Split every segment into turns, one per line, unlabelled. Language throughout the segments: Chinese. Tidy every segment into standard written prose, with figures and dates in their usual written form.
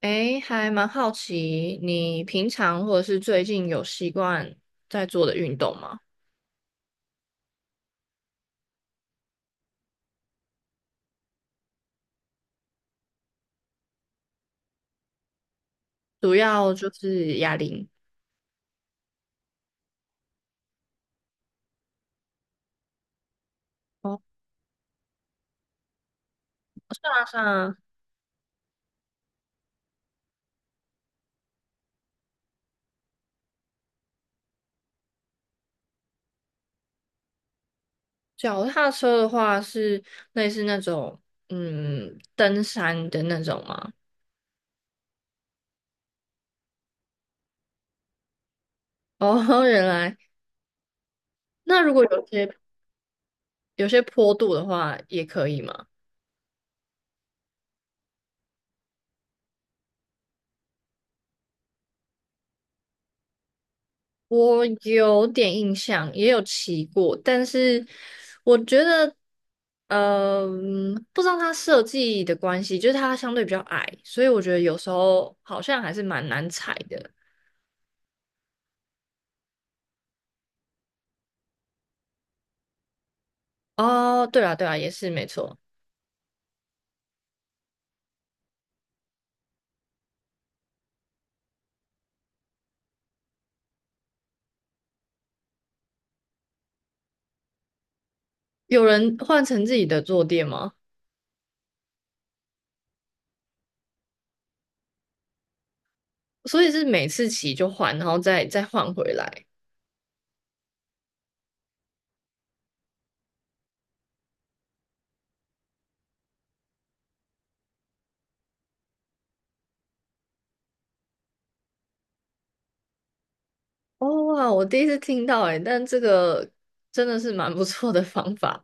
诶，还蛮好奇，你平常或者是最近有习惯在做的运动吗？主要就是哑铃。哦，踏上脚踏车的话，是类似那种登山的那种吗？哦，原来那如果有些坡度的话，也可以吗？我有点印象，也有骑过，但是我觉得，不知道它设计的关系，就是它相对比较矮，所以我觉得有时候好像还是蛮难踩的。哦，对啦，对啦，也是没错。有人换成自己的坐垫吗？所以是每次骑就换，然后再换回来。哦哇，我第一次听到诶、但这个真的是蛮不错的方法。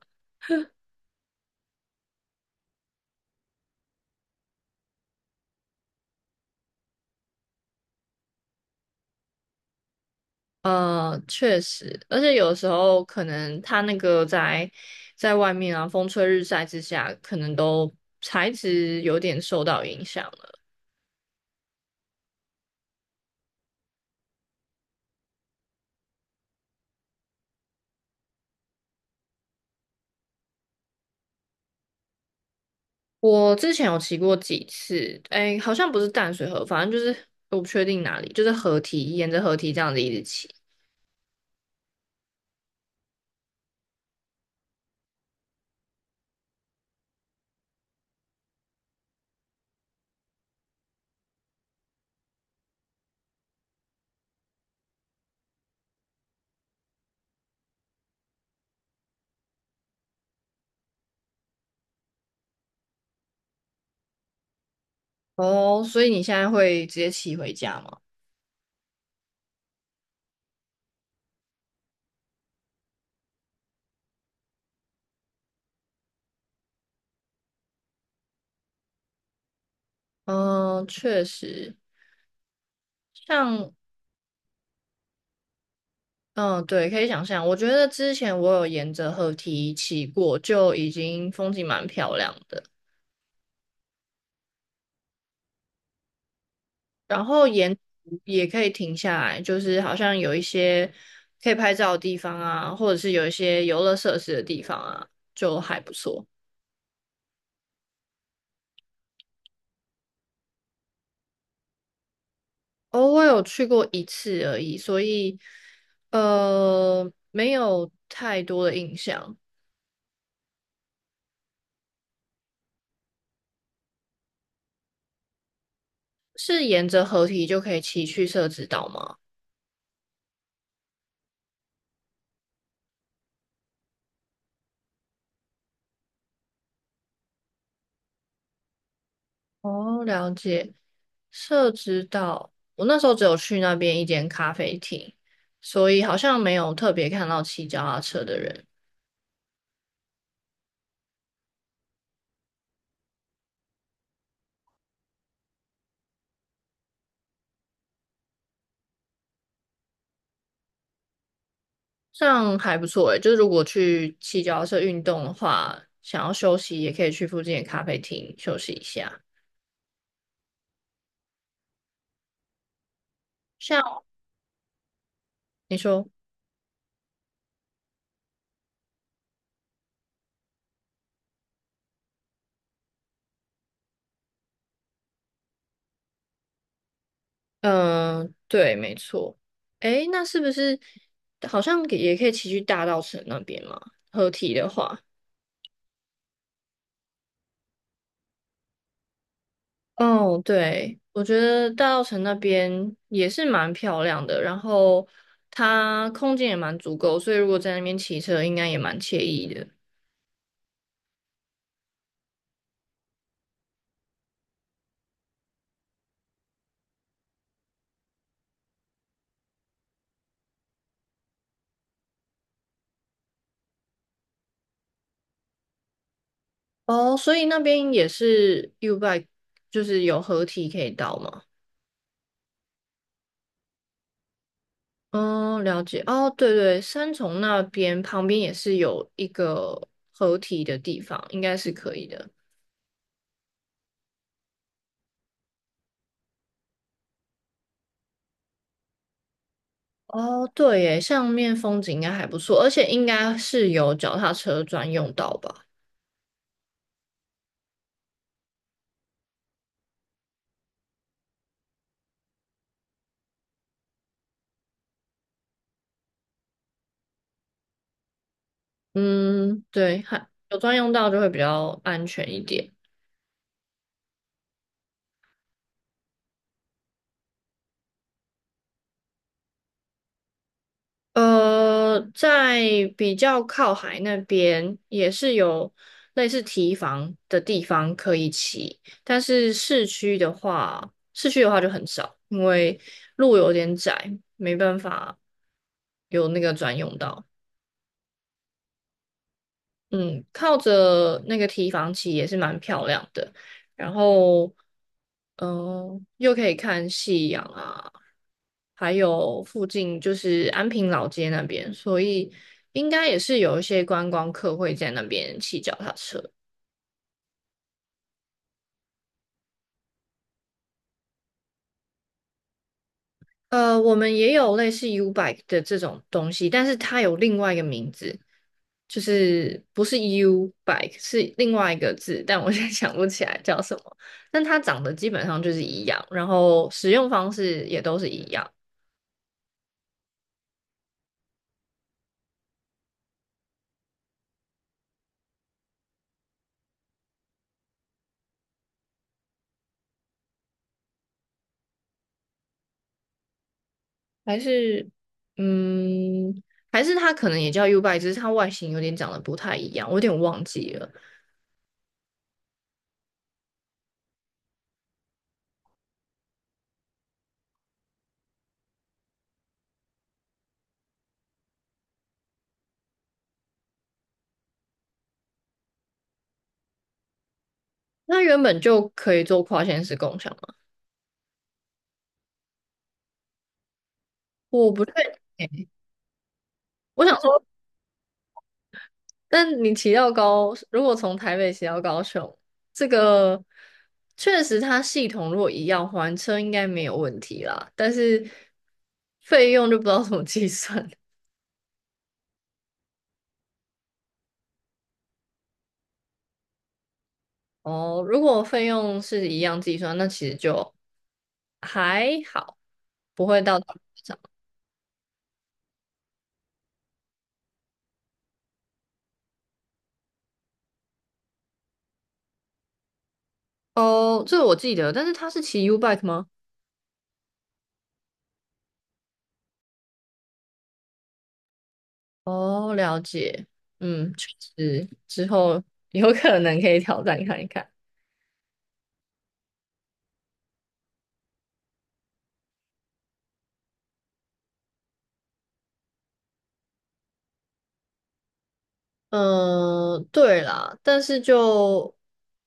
确实，而且有时候可能它那个在外面啊，风吹日晒之下，可能都材质有点受到影响了。我之前有骑过几次，哎，好像不是淡水河，反正就是我不确定哪里，就是河堤，沿着河堤这样子一直骑。哦，所以你现在会直接骑回家吗？嗯，确实，像嗯，对，可以想象。我觉得之前我有沿着河堤骑过，就已经风景蛮漂亮的。然后沿途也可以停下来，就是好像有一些可以拍照的地方啊，或者是有一些游乐设施的地方啊，就还不错。哦，我有去过一次而已，所以没有太多的印象。是沿着河堤就可以骑去社子岛吗？哦，了解。社子岛，我那时候只有去那边一间咖啡厅，所以好像没有特别看到骑脚踏车的人。这样还不错诶，就是如果去骑脚踏车运动的话，想要休息也可以去附近的咖啡厅休息一下。像你说，嗯、对，没错。诶，那是不是好像也可以骑去大稻城那边嘛？合体的话，哦，对，我觉得大稻城那边也是蛮漂亮的，然后它空间也蛮足够，所以如果在那边骑车，应该也蛮惬意的。哦，所以那边也是 U bike,就是有合体可以到吗？哦，了解。哦，对对，三重那边旁边也是有一个合体的地方，应该是可以的。哦，对耶，上面风景应该还不错，而且应该是有脚踏车专用道吧？嗯，对，还有专用道就会比较安全一点。在比较靠海那边也是有类似提防的地方可以骑，但是市区的话，就很少，因为路有点窄，没办法有那个专用道。嗯，靠着那个提防起也是蛮漂亮的，然后，又可以看夕阳啊，还有附近就是安平老街那边，所以应该也是有一些观光客会在那边骑脚踏车。我们也有类似 U bike 的这种东西，但是它有另外一个名字，就是不是 U bike,是另外一个字，但我现在想不起来叫什么。但它长得基本上就是一样，然后使用方式也都是一样，还是嗯，还是它可能也叫 U bike,只是它外形有点长得不太一样，我有点忘记了。那原本就可以做跨线式共享吗？我不确定欸我想说。但你骑到高，如果从台北骑到高雄，这个确实它系统如果一样还车应该没有问题啦，但是费用就不知道怎么计算哦。如果费用是一样计算，那其实就还好，不会到太夸张哦。这我记得，但是他是骑 U bike 吗？哦，了解，嗯，确实之后有可能可以挑战看一看。嗯，对啦，但是就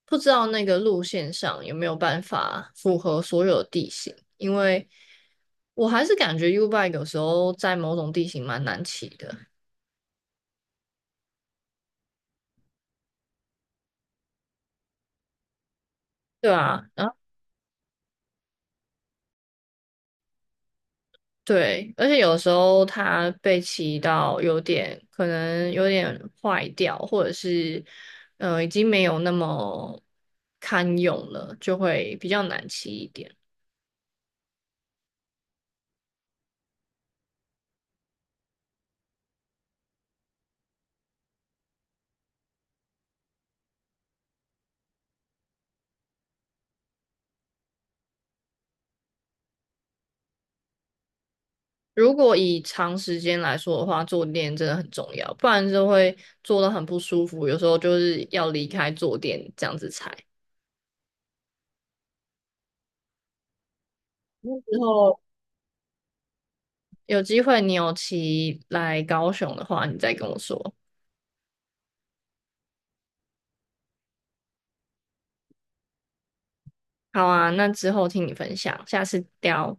不知道那个路线上有没有办法符合所有地形，因为我还是感觉 U bike 有时候在某种地形蛮难骑的，对啊，然后对，而且有时候它被骑到可能有点坏掉，或者是已经没有那么堪用了，就会比较难骑一点。如果以长时间来说的话，坐垫真的很重要，不然就会坐得很不舒服，有时候就是要离开坐垫这样子踩。那之后有机会你有骑来高雄的话，你再跟我说。好啊，那之后听你分享，下次聊。